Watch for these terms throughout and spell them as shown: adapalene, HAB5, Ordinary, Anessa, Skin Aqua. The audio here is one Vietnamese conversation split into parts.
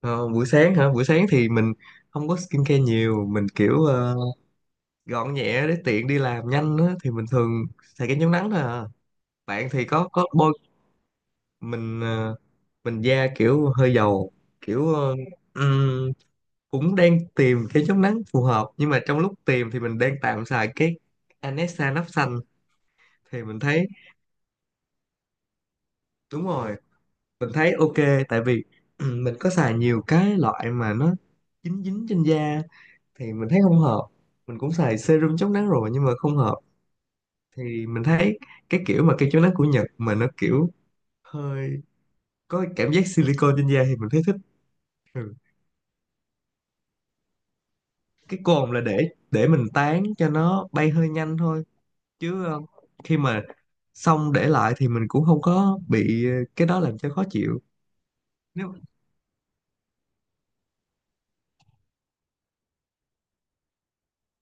Ờ, buổi sáng hả? Buổi sáng thì mình không có skincare nhiều, mình kiểu gọn nhẹ để tiện đi làm nhanh á thì mình thường xài kem chống nắng thôi à. Bạn thì có bôi mình mình da kiểu hơi dầu, kiểu ừm, cũng đang tìm kem chống nắng phù hợp nhưng mà trong lúc tìm thì mình đang tạm xài cái Anessa nắp xanh thì mình thấy đúng rồi, mình thấy ok tại vì mình có xài nhiều cái loại mà nó dính dính trên da thì mình thấy không hợp. Mình cũng xài serum chống nắng rồi nhưng mà không hợp thì mình thấy cái kiểu mà kem chống nắng của Nhật mà nó kiểu hơi có cái cảm giác silicone trên da thì mình thấy thích. Ừ. Cái cồn là để mình tán cho nó bay hơi nhanh thôi chứ khi mà xong để lại thì mình cũng không có bị cái đó làm cho khó chịu. Nếu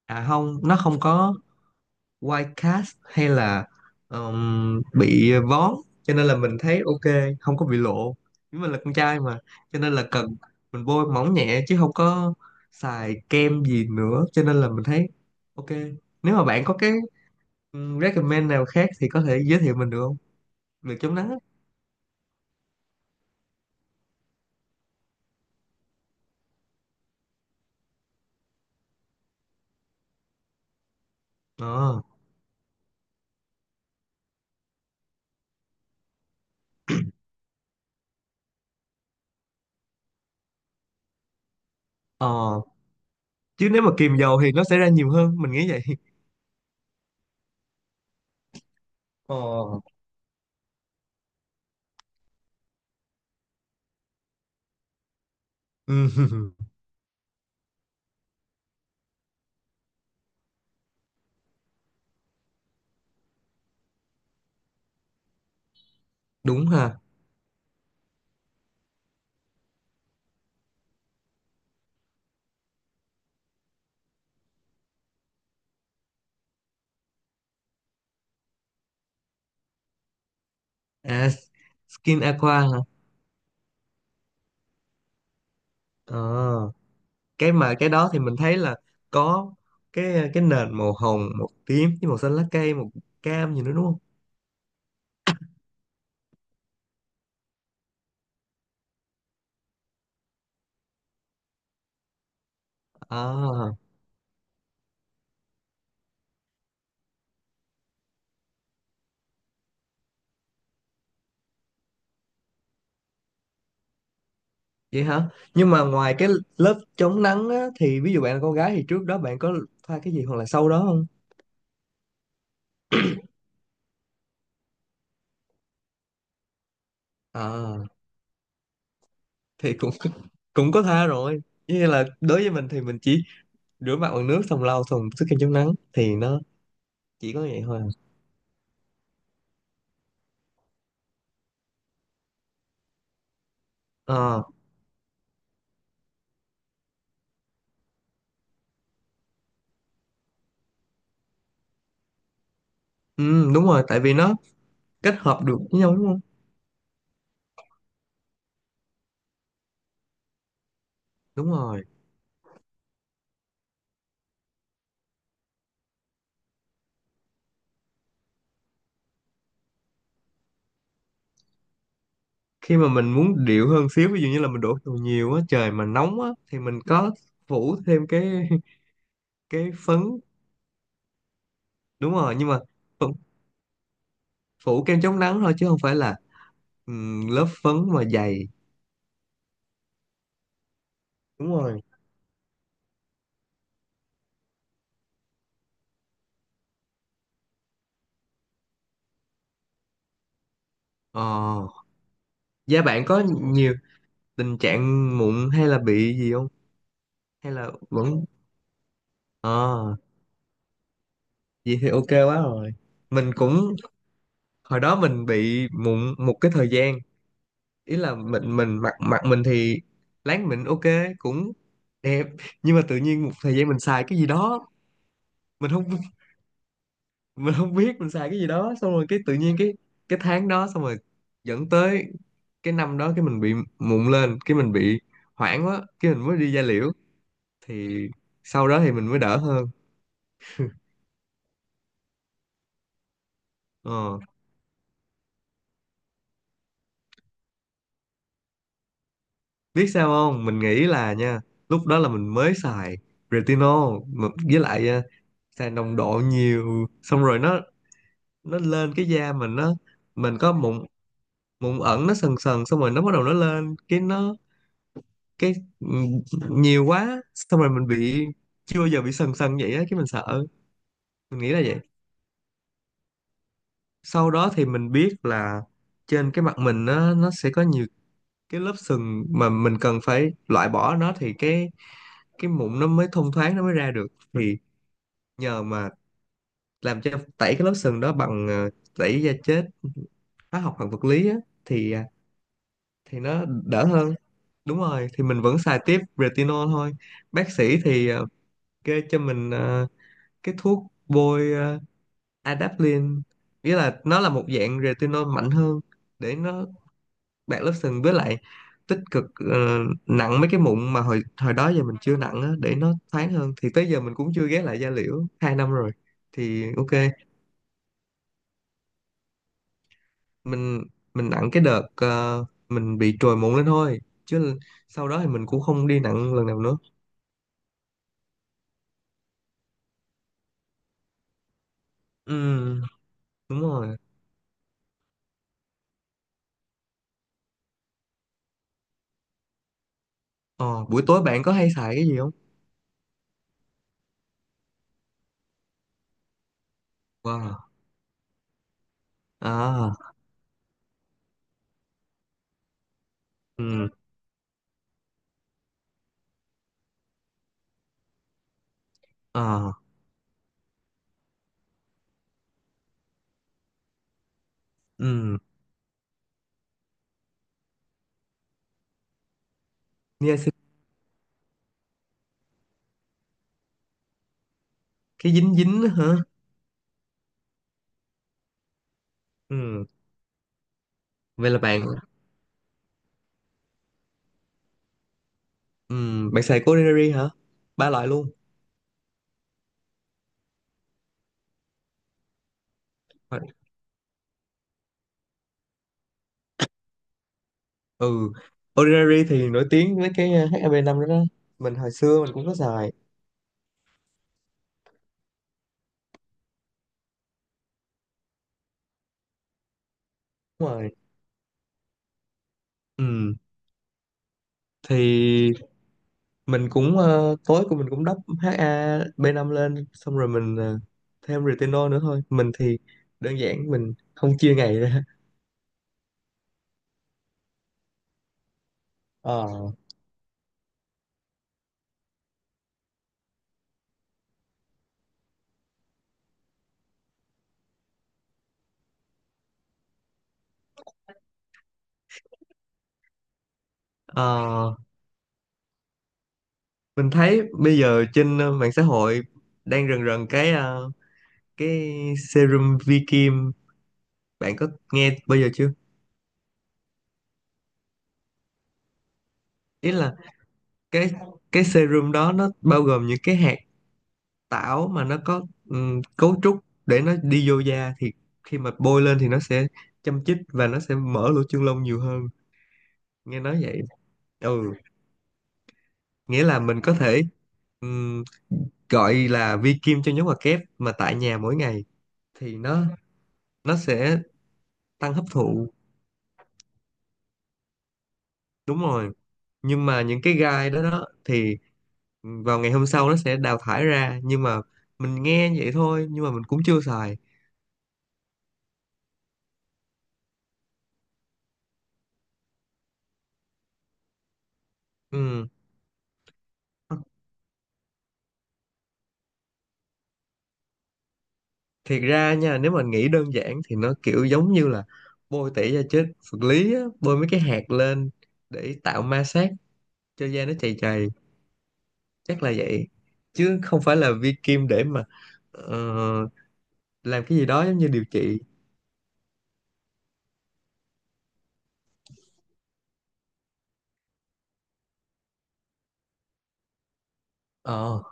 à không nó không có white cast hay là bị vón cho nên là mình thấy ok, không có bị lộ, nhưng mình là con trai mà cho nên là cần mình bôi mỏng nhẹ chứ không có xài kem gì nữa cho nên là mình thấy ok. Nếu mà bạn có cái recommend nào khác thì có thể giới thiệu mình được không, được chống nắng á. Ờ. Ờ. Chứ nếu mà kìm dầu thì nó sẽ ra nhiều hơn mình nghĩ vậy. Ờ. Đúng ha. À, skin aqua hả. Ờ, cái mà cái đó thì mình thấy là có cái nền màu hồng màu tím với màu xanh lá cây màu cam gì nữa đúng không. À, vậy hả, nhưng mà ngoài cái lớp chống nắng á, thì ví dụ bạn là con gái thì trước đó bạn có thoa cái gì hoặc là sau đó không. À thì cũng cũng có tha rồi, như là đối với mình thì mình chỉ rửa mặt bằng nước xong lau xong sức kem chống nắng thì nó chỉ có vậy thôi à. Ờ, ừ, đúng rồi tại vì nó kết hợp được với nhau đúng không. Đúng rồi. Khi mà mình muốn điệu hơn xíu ví dụ như là mình đổ dầu nhiều á trời mà nóng á thì mình có phủ thêm cái cái phấn. Đúng rồi, nhưng mà phủ, phủ kem chống nắng thôi chứ không phải là lớp phấn mà dày. Đúng rồi. Ờ, da bạn có nhiều tình trạng mụn hay là bị gì không, hay là vẫn. Ờ vậy thì ok quá rồi. Mình cũng hồi đó mình bị mụn một cái thời gian, ý là mình mặc mặc mình thì láng mình ok cũng đẹp, nhưng mà tự nhiên một thời gian mình xài cái gì đó, mình không mình không biết mình xài cái gì đó xong rồi cái tự nhiên cái tháng đó xong rồi dẫn tới cái năm đó cái mình bị mụn lên cái mình bị hoảng quá cái mình mới đi da liễu thì sau đó thì mình mới đỡ hơn. Ờ. Biết sao không mình nghĩ là nha lúc đó là mình mới xài retinol mà với lại xài nồng độ nhiều xong rồi nó lên cái da mình nó mình có mụn mụn ẩn nó sần sần xong rồi nó bắt đầu nó lên cái nó cái nhiều quá xong rồi mình bị chưa bao giờ bị sần sần vậy á cái mình sợ, mình nghĩ là vậy. Sau đó thì mình biết là trên cái mặt mình nó sẽ có nhiều cái lớp sừng mà mình cần phải loại bỏ nó thì cái mụn nó mới thông thoáng nó mới ra được thì nhờ mà làm cho tẩy cái lớp sừng đó bằng tẩy da chết hóa học hoặc vật lý á thì à, thì nó đỡ hơn. Đúng rồi thì mình vẫn xài tiếp retinol thôi. Bác sĩ thì kê cho mình cái thuốc bôi adapalene, nghĩa là nó là một dạng retinol mạnh hơn để nó bạc lớp sừng với lại tích cực ờ, nặng mấy cái mụn mà hồi hồi đó giờ mình chưa nặng á, để nó thoáng hơn thì tới giờ mình cũng chưa ghé lại da liễu hai năm rồi thì ok. Mình mình nặng cái đợt mình bị trồi mụn lên thôi chứ sau đó thì mình cũng không đi nặng lần nào nữa. Ừ đúng rồi. Ờ, buổi tối bạn có hay xài cái gì không? Wow. À, ừ, à, ừ. Nghe xem. Cái dính dính đó hả? Ừ. Vậy là bạn ừ, bạn xài của Ordinary hả? Ba loại luôn. Ờ, ừ. Ordinary thì nổi tiếng với cái HAB5 đó đó. Mình hồi xưa mình cũng có xài. Đúng rồi. Ừ. Thì mình cũng tối của mình cũng đắp HAB5 lên xong rồi mình thêm retinol nữa thôi. Mình thì đơn giản mình không chia ngày ra. Ờ. Ờ mình thấy bây giờ trên mạng xã hội đang rần rần cái cái serum vi kim, bạn có nghe bao giờ chưa. Ý là cái cái serum đó nó bao gồm những cái hạt tảo mà nó có cấu trúc để nó đi vô da thì khi mà bôi lên thì nó sẽ châm chích và nó sẽ mở lỗ chân lông nhiều hơn, nghe nói vậy. Ừ. Nghĩa là mình có thể ừm, gọi là vi kim cho nhóm hoạt kép mà tại nhà mỗi ngày thì nó sẽ tăng hấp thụ. Đúng rồi, nhưng mà những cái gai đó đó thì vào ngày hôm sau nó sẽ đào thải ra, nhưng mà mình nghe vậy thôi nhưng mà mình cũng chưa xài. Ừ. Thiệt ra nha nếu mà nghĩ đơn giản thì nó kiểu giống như là bôi tẩy da chết vật lý á, bôi mấy cái hạt lên để tạo ma sát cho da nó chày chày, chắc là vậy, chứ không phải là vi kim để mà ờ, làm cái gì đó giống như điều trị. Ờ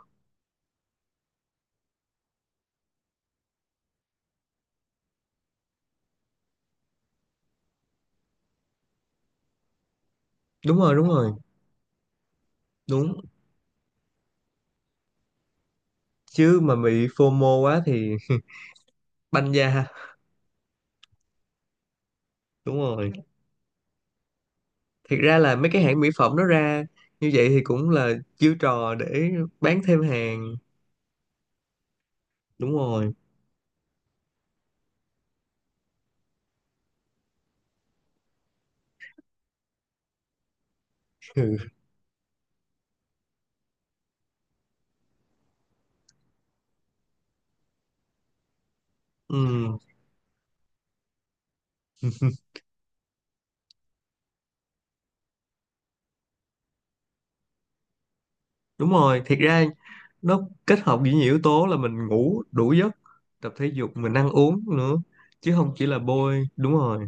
đúng rồi đúng rồi đúng. Chứ mà bị phô FOMO quá thì banh da ha. Đúng rồi, thiệt ra là mấy cái hãng mỹ phẩm nó ra như vậy thì cũng là chiêu trò để bán thêm hàng. Đúng rồi. Ừ. Ừ, đúng rồi, thiệt ra nó kết hợp với nhiều yếu tố là mình ngủ đủ giấc, tập thể dục, mình ăn uống nữa chứ không chỉ là bôi, đúng rồi.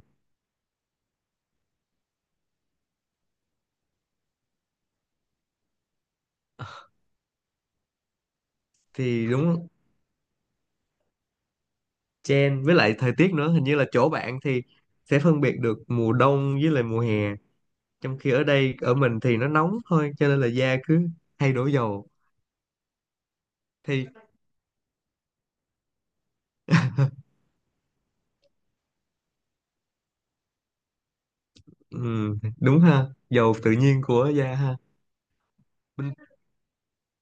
Thì đúng trend với lại thời tiết nữa, hình như là chỗ bạn thì sẽ phân biệt được mùa đông với lại mùa hè, trong khi ở đây ở mình thì nó nóng thôi cho nên là da cứ hay đổ dầu. Thì ừ, đúng ha, dầu tự nhiên của da ha. Bình,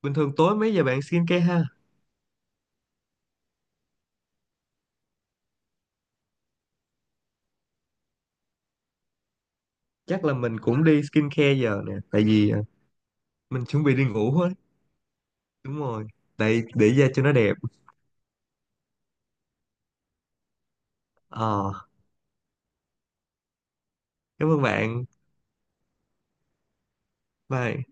bình thường tối mấy giờ bạn skincare ha? Chắc là mình cũng đi skincare giờ nè, tại vì à, mình chuẩn bị đi ngủ hết. Đúng rồi, tại để da cho nó đẹp. Ờ, cảm ơn bạn. Bye.